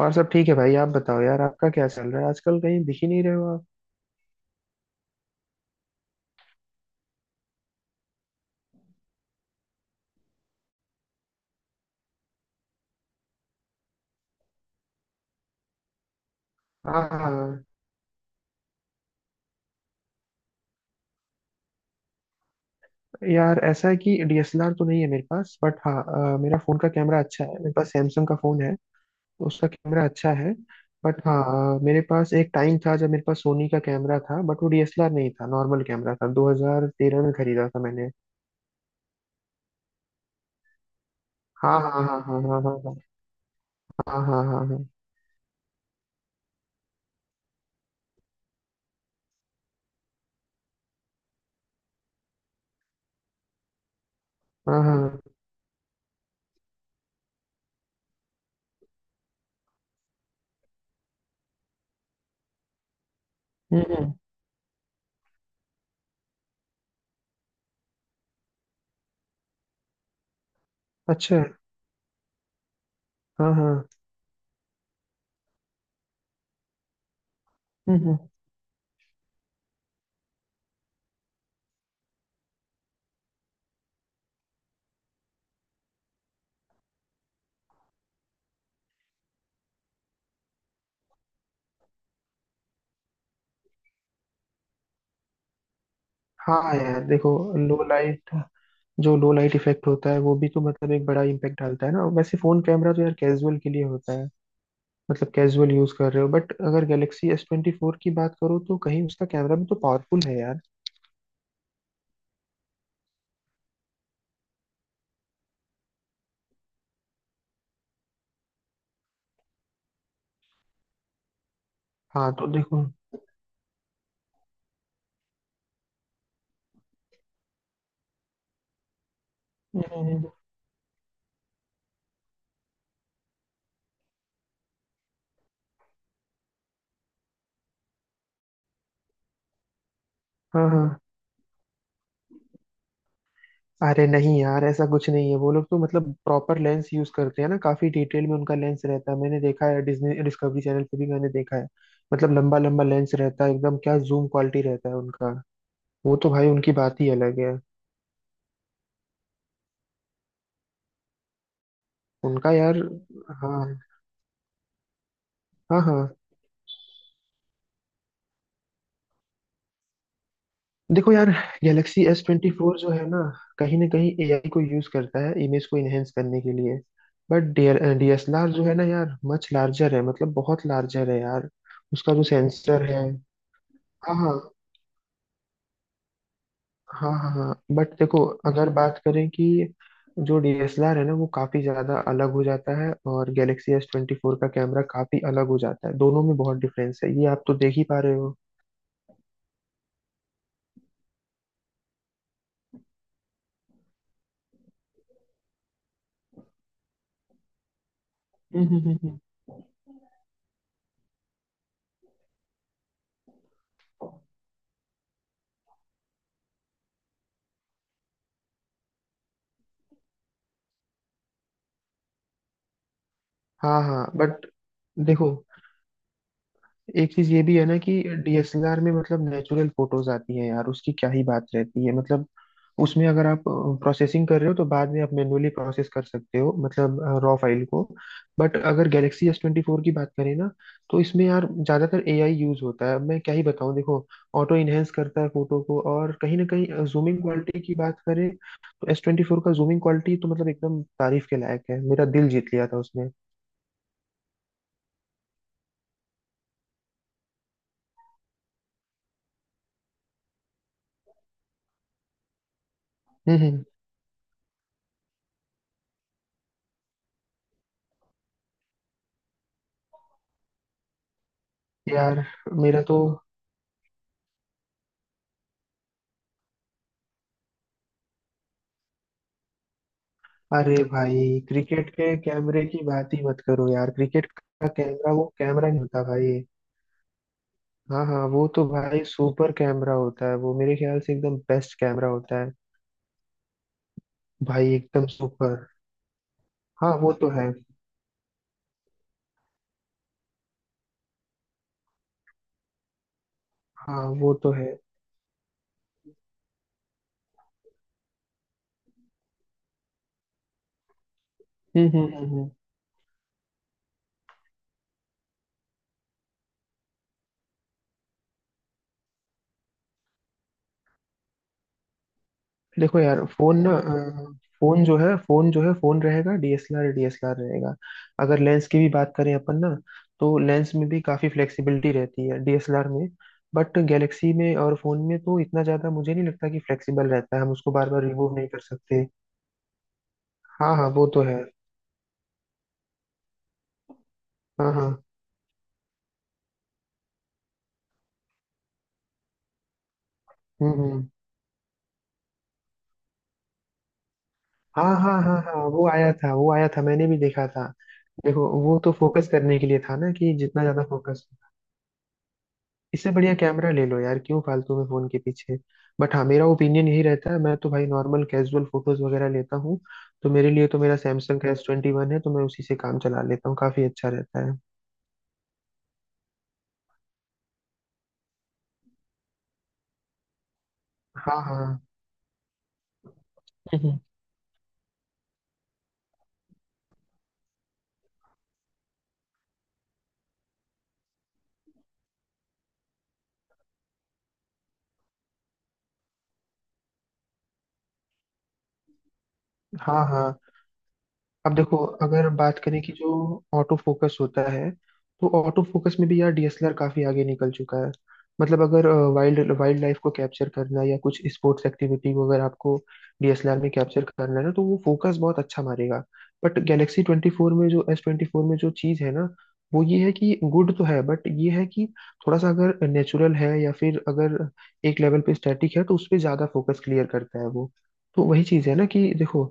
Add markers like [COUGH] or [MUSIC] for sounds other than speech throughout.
और सब ठीक है भाई। आप बताओ यार, आपका क्या चल रहा है आजकल? कहीं दिख ही नहीं रहे हो आप। हाँ हाँ। यार ऐसा है कि डीएसएलआर तो नहीं है मेरे पास, बट हाँ, मेरा फोन का कैमरा अच्छा है। मेरे पास सैमसंग का फोन है, उसका कैमरा अच्छा है। बट हाँ, मेरे पास एक टाइम था जब मेरे पास सोनी का कैमरा था, बट वो डीएसएलआर नहीं था, नॉर्मल कैमरा था। 2013 में खरीदा था मैंने। हाँ हाँ हाँ हाँ हाँ हाँ हाँ हाँ हाँ हाँ हाँ हाँ हाँ। हम्म। अच्छा। हाँ हाँ। हम्म। हाँ यार देखो, लो लाइट जो लो लाइट इफेक्ट होता है वो भी तो मतलब एक बड़ा इम्पैक्ट डालता है ना। वैसे फोन कैमरा तो यार कैजुअल के लिए होता है, मतलब कैजुअल यूज कर रहे हो। बट अगर गैलेक्सी एस ट्वेंटी फोर की बात करो तो कहीं उसका कैमरा भी तो पावरफुल है यार। हाँ तो देखो। नहीं, नहीं, नहीं। हाँ हाँ। अरे नहीं यार, ऐसा कुछ नहीं है। वो लोग तो मतलब प्रॉपर लेंस यूज करते हैं ना, काफी डिटेल में उनका लेंस रहता है। मैंने देखा है, डिज्नी डिस्कवरी चैनल पे भी मैंने देखा है। मतलब लंबा लंबा लेंस रहता है, एकदम क्या जूम क्वालिटी रहता है उनका। वो तो भाई उनकी बात ही अलग है। उनका यार। हाँ हाँ हाँ। देखो यार, गैलेक्सी एस ट्वेंटी फोर जो है ना, कहीं ना कहीं एआई को यूज करता है इमेज को इनहेंस करने के लिए। बट डीएसएलआर जो है ना यार, मच लार्जर है, मतलब बहुत लार्जर है यार। उसका जो सेंसर है। हाँ हाँ। हाँ हाँ हाँ बट देखो, अगर बात करें कि जो डीएसएलआर है ना वो काफी ज्यादा अलग हो जाता है, और गैलेक्सी एस ट्वेंटी फोर का कैमरा काफी अलग हो जाता है। दोनों में बहुत डिफरेंस है, ये आप तो देख ही पा रहे हो। हम्म हम्म हम्म हम्म। हाँ हाँ बट देखो, एक चीज ये भी है ना कि डीएसएलआर में मतलब नेचुरल फोटोज आती है यार, उसकी क्या ही बात रहती है। मतलब उसमें अगर आप प्रोसेसिंग कर रहे हो तो बाद में आप मैन्युअली प्रोसेस कर सकते हो, मतलब रॉ फाइल को। बट अगर गैलेक्सी एस ट्वेंटी फोर की बात करें ना, तो इसमें यार ज्यादातर एआई यूज होता है, अब मैं क्या ही बताऊं देखो। ऑटो इनहेंस करता है फोटो को। और कहीं ना कहीं जूमिंग क्वालिटी की बात करें तो एस ट्वेंटी फोर का जूमिंग क्वालिटी तो मतलब एकदम तारीफ के लायक है, मेरा दिल जीत लिया था उसने। हम्म। यार मेरा तो, अरे भाई क्रिकेट के कैमरे की बात ही मत करो यार, क्रिकेट का कैमरा वो कैमरा नहीं होता भाई। हाँ हाँ, वो तो भाई सुपर कैमरा होता है, वो मेरे ख्याल से एकदम बेस्ट कैमरा होता है भाई, एकदम सुपर। हाँ वो तो है। हाँ वो तो है। हम्म हम्म हम्म हम्म। देखो यार, फोन ना अ, फोन जो है फोन जो है फोन रहेगा, डीएसएलआर डीएसएलआर रहेगा। अगर लेंस की भी बात करें अपन ना, तो लेंस में भी काफी फ्लेक्सिबिलिटी रहती है डीएसएलआर में। बट गैलेक्सी में और फोन में तो इतना ज्यादा मुझे नहीं लगता कि फ्लेक्सिबल रहता है, हम उसको बार बार रिमूव नहीं कर सकते। हाँ हाँ वो तो है। हाँ हाँ। हम्म। हाँ हाँ हाँ हाँ वो आया था, वो आया था, मैंने भी देखा था। देखो वो तो फोकस करने के लिए था ना, कि जितना ज्यादा फोकस। इससे बढ़िया कैमरा ले लो यार, क्यों फालतू में फोन के पीछे। बट हाँ मेरा ओपिनियन यही रहता है, मैं तो भाई नॉर्मल कैजुअल फोटोज वगैरह लेता हूँ। तो मेरे लिए तो मेरा सैमसंग का एस ट्वेंटी वन है, तो मैं उसी से काम चला लेता हूँ, काफी अच्छा रहता है। हाँ हाँ। [LAUGHS] हाँ हाँ। अब देखो, अगर बात करें कि जो ऑटो फोकस होता है, तो ऑटो फोकस में भी यार डीएसएलआर काफी आगे निकल चुका है। मतलब अगर वाइल्ड वाइल्ड लाइफ को कैप्चर करना है, या कुछ स्पोर्ट्स एक्टिविटी को अगर आपको डीएसएलआर में कैप्चर करना है ना तो वो फोकस बहुत अच्छा मारेगा। बट गैलेक्सी ट्वेंटी फोर में जो एस ट्वेंटी फोर में जो चीज़ है ना, वो ये है कि गुड तो है, बट ये है कि थोड़ा सा अगर नेचुरल है या फिर अगर एक लेवल पे स्टैटिक है, तो उस पर ज्यादा फोकस क्लियर करता है वो। तो वही चीज़ है ना कि देखो,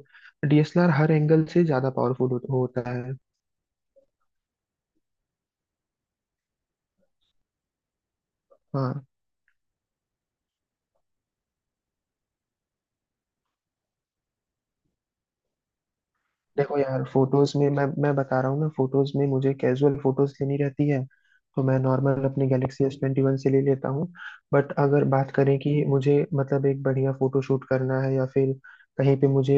डीएसएलआर हर एंगल से ज्यादा पावरफुल होता है। हाँ देखो यार, फोटोज में मैं बता रहा हूँ ना, फोटोज में मुझे कैजुअल फोटोज लेनी रहती है, तो मैं नॉर्मल अपनी गैलेक्सी एस ट्वेंटी वन से ले लेता हूँ। बट अगर बात करें कि मुझे मतलब एक बढ़िया फोटो शूट करना है, या फिर कहीं पे मुझे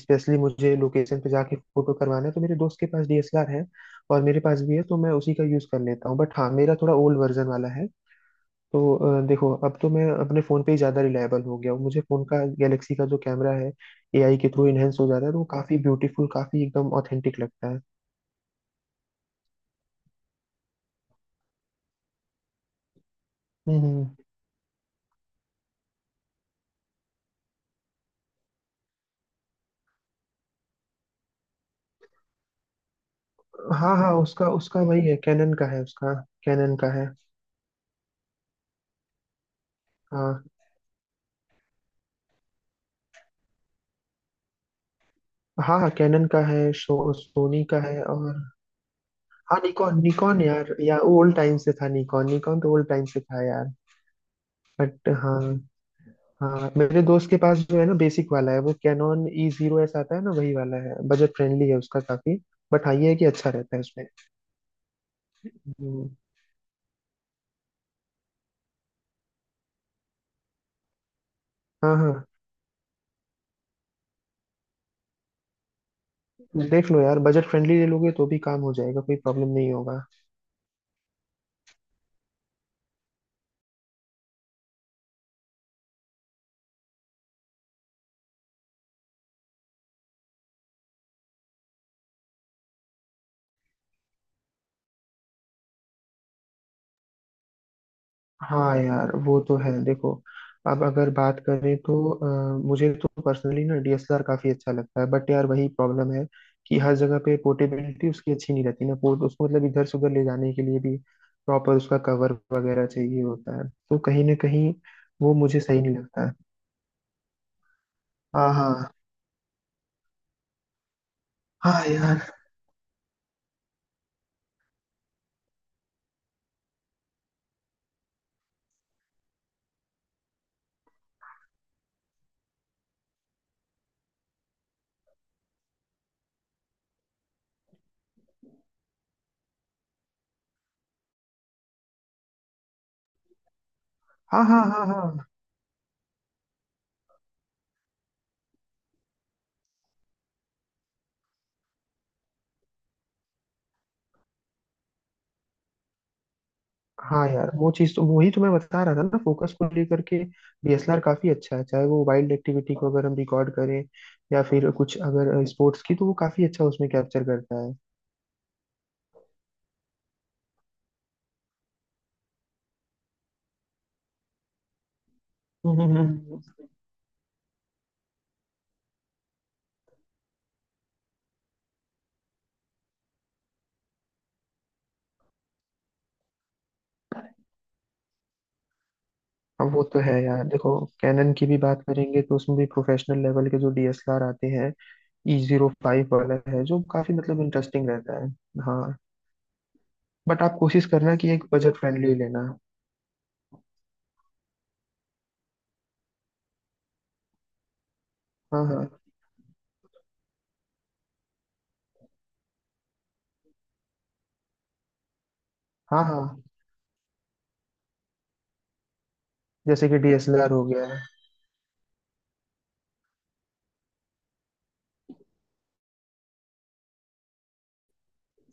स्पेशली मुझे लोकेशन पे जाके फोटो करवाना है, तो मेरे दोस्त के पास डीएसएलआर है और मेरे पास भी है, तो मैं उसी का यूज कर लेता हूँ। बट हाँ मेरा थोड़ा ओल्ड वर्जन वाला है। तो देखो, अब तो मैं अपने फ़ोन पे ही ज़्यादा रिलायबल हो गया हूँ। मुझे फ़ोन का गैलेक्सी का जो कैमरा है, एआई के थ्रू इनहेंस हो जा रहा है, तो वो काफ़ी ब्यूटीफुल, काफ़ी एकदम ऑथेंटिक लगता है। हम्म हम्म। हाँ हाँ उसका उसका वही है, कैनन का है उसका। कैनन का है। हाँ हाँ हाँ कैनन का है। सोनी का है। और हाँ निकॉन निकॉन यार, या ओल्ड टाइम से था निकॉन, निकॉन तो ओल्ड टाइम से था यार। बट हाँ। हाँ मेरे दोस्त के पास जो है ना, बेसिक वाला है। वो कैनॉन ई जीरो एस आता है ना, वही वाला है, बजट फ्रेंडली है उसका काफी। बट हाँ ये है कि अच्छा रहता है उसमें। हम्म। हाँ हाँ। देख लो यार, बजट फ्रेंडली ले लोगे तो भी काम हो जाएगा, कोई प्रॉब्लम नहीं होगा। हाँ यार वो तो है देखो। अब अगर बात करें तो मुझे तो पर्सनली ना डीएसएलआर काफी अच्छा लगता है, बट यार वही प्रॉब्लम है कि हर जगह पे पोर्टेबिलिटी उसकी अच्छी नहीं रहती ना। पोर्ट उसको मतलब इधर से उधर ले जाने के लिए भी प्रॉपर उसका कवर वगैरह चाहिए होता है, तो कहीं ना कहीं वो मुझे सही नहीं लगता है। हाँ हाँ। हाँ यार। हाँ हाँ हाँ हाँ। हाँ यार वो चीज़ तो वही तो मैं बता रहा था ना, फोकस को लेकर के डीएसएलआर काफी अच्छा है, चाहे वो वाइल्ड एक्टिविटी को अगर हम रिकॉर्ड करें या फिर कुछ अगर स्पोर्ट्स की, तो वो काफी अच्छा उसमें कैप्चर करता है। हम्म, हम्म, हम्म, हम्म। अब वो तो है यार देखो, कैनन की भी बात करेंगे तो उसमें भी प्रोफेशनल लेवल के जो डीएसएलआर आते हैं, ई जीरो फाइव वाला है जो काफी मतलब इंटरेस्टिंग रहता है। हाँ। बट आप कोशिश करना कि एक बजट फ्रेंडली लेना। हाँ हाँ हाँ हाँ। जैसे कि डीएसएलआर हो गया।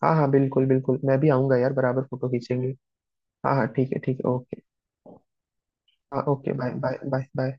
हाँ हाँ बिल्कुल बिल्कुल, मैं भी आऊंगा यार, बराबर फोटो खींचेंगे। हाँ हाँ ठीक है ओके। हाँ okay bye bye bye bye.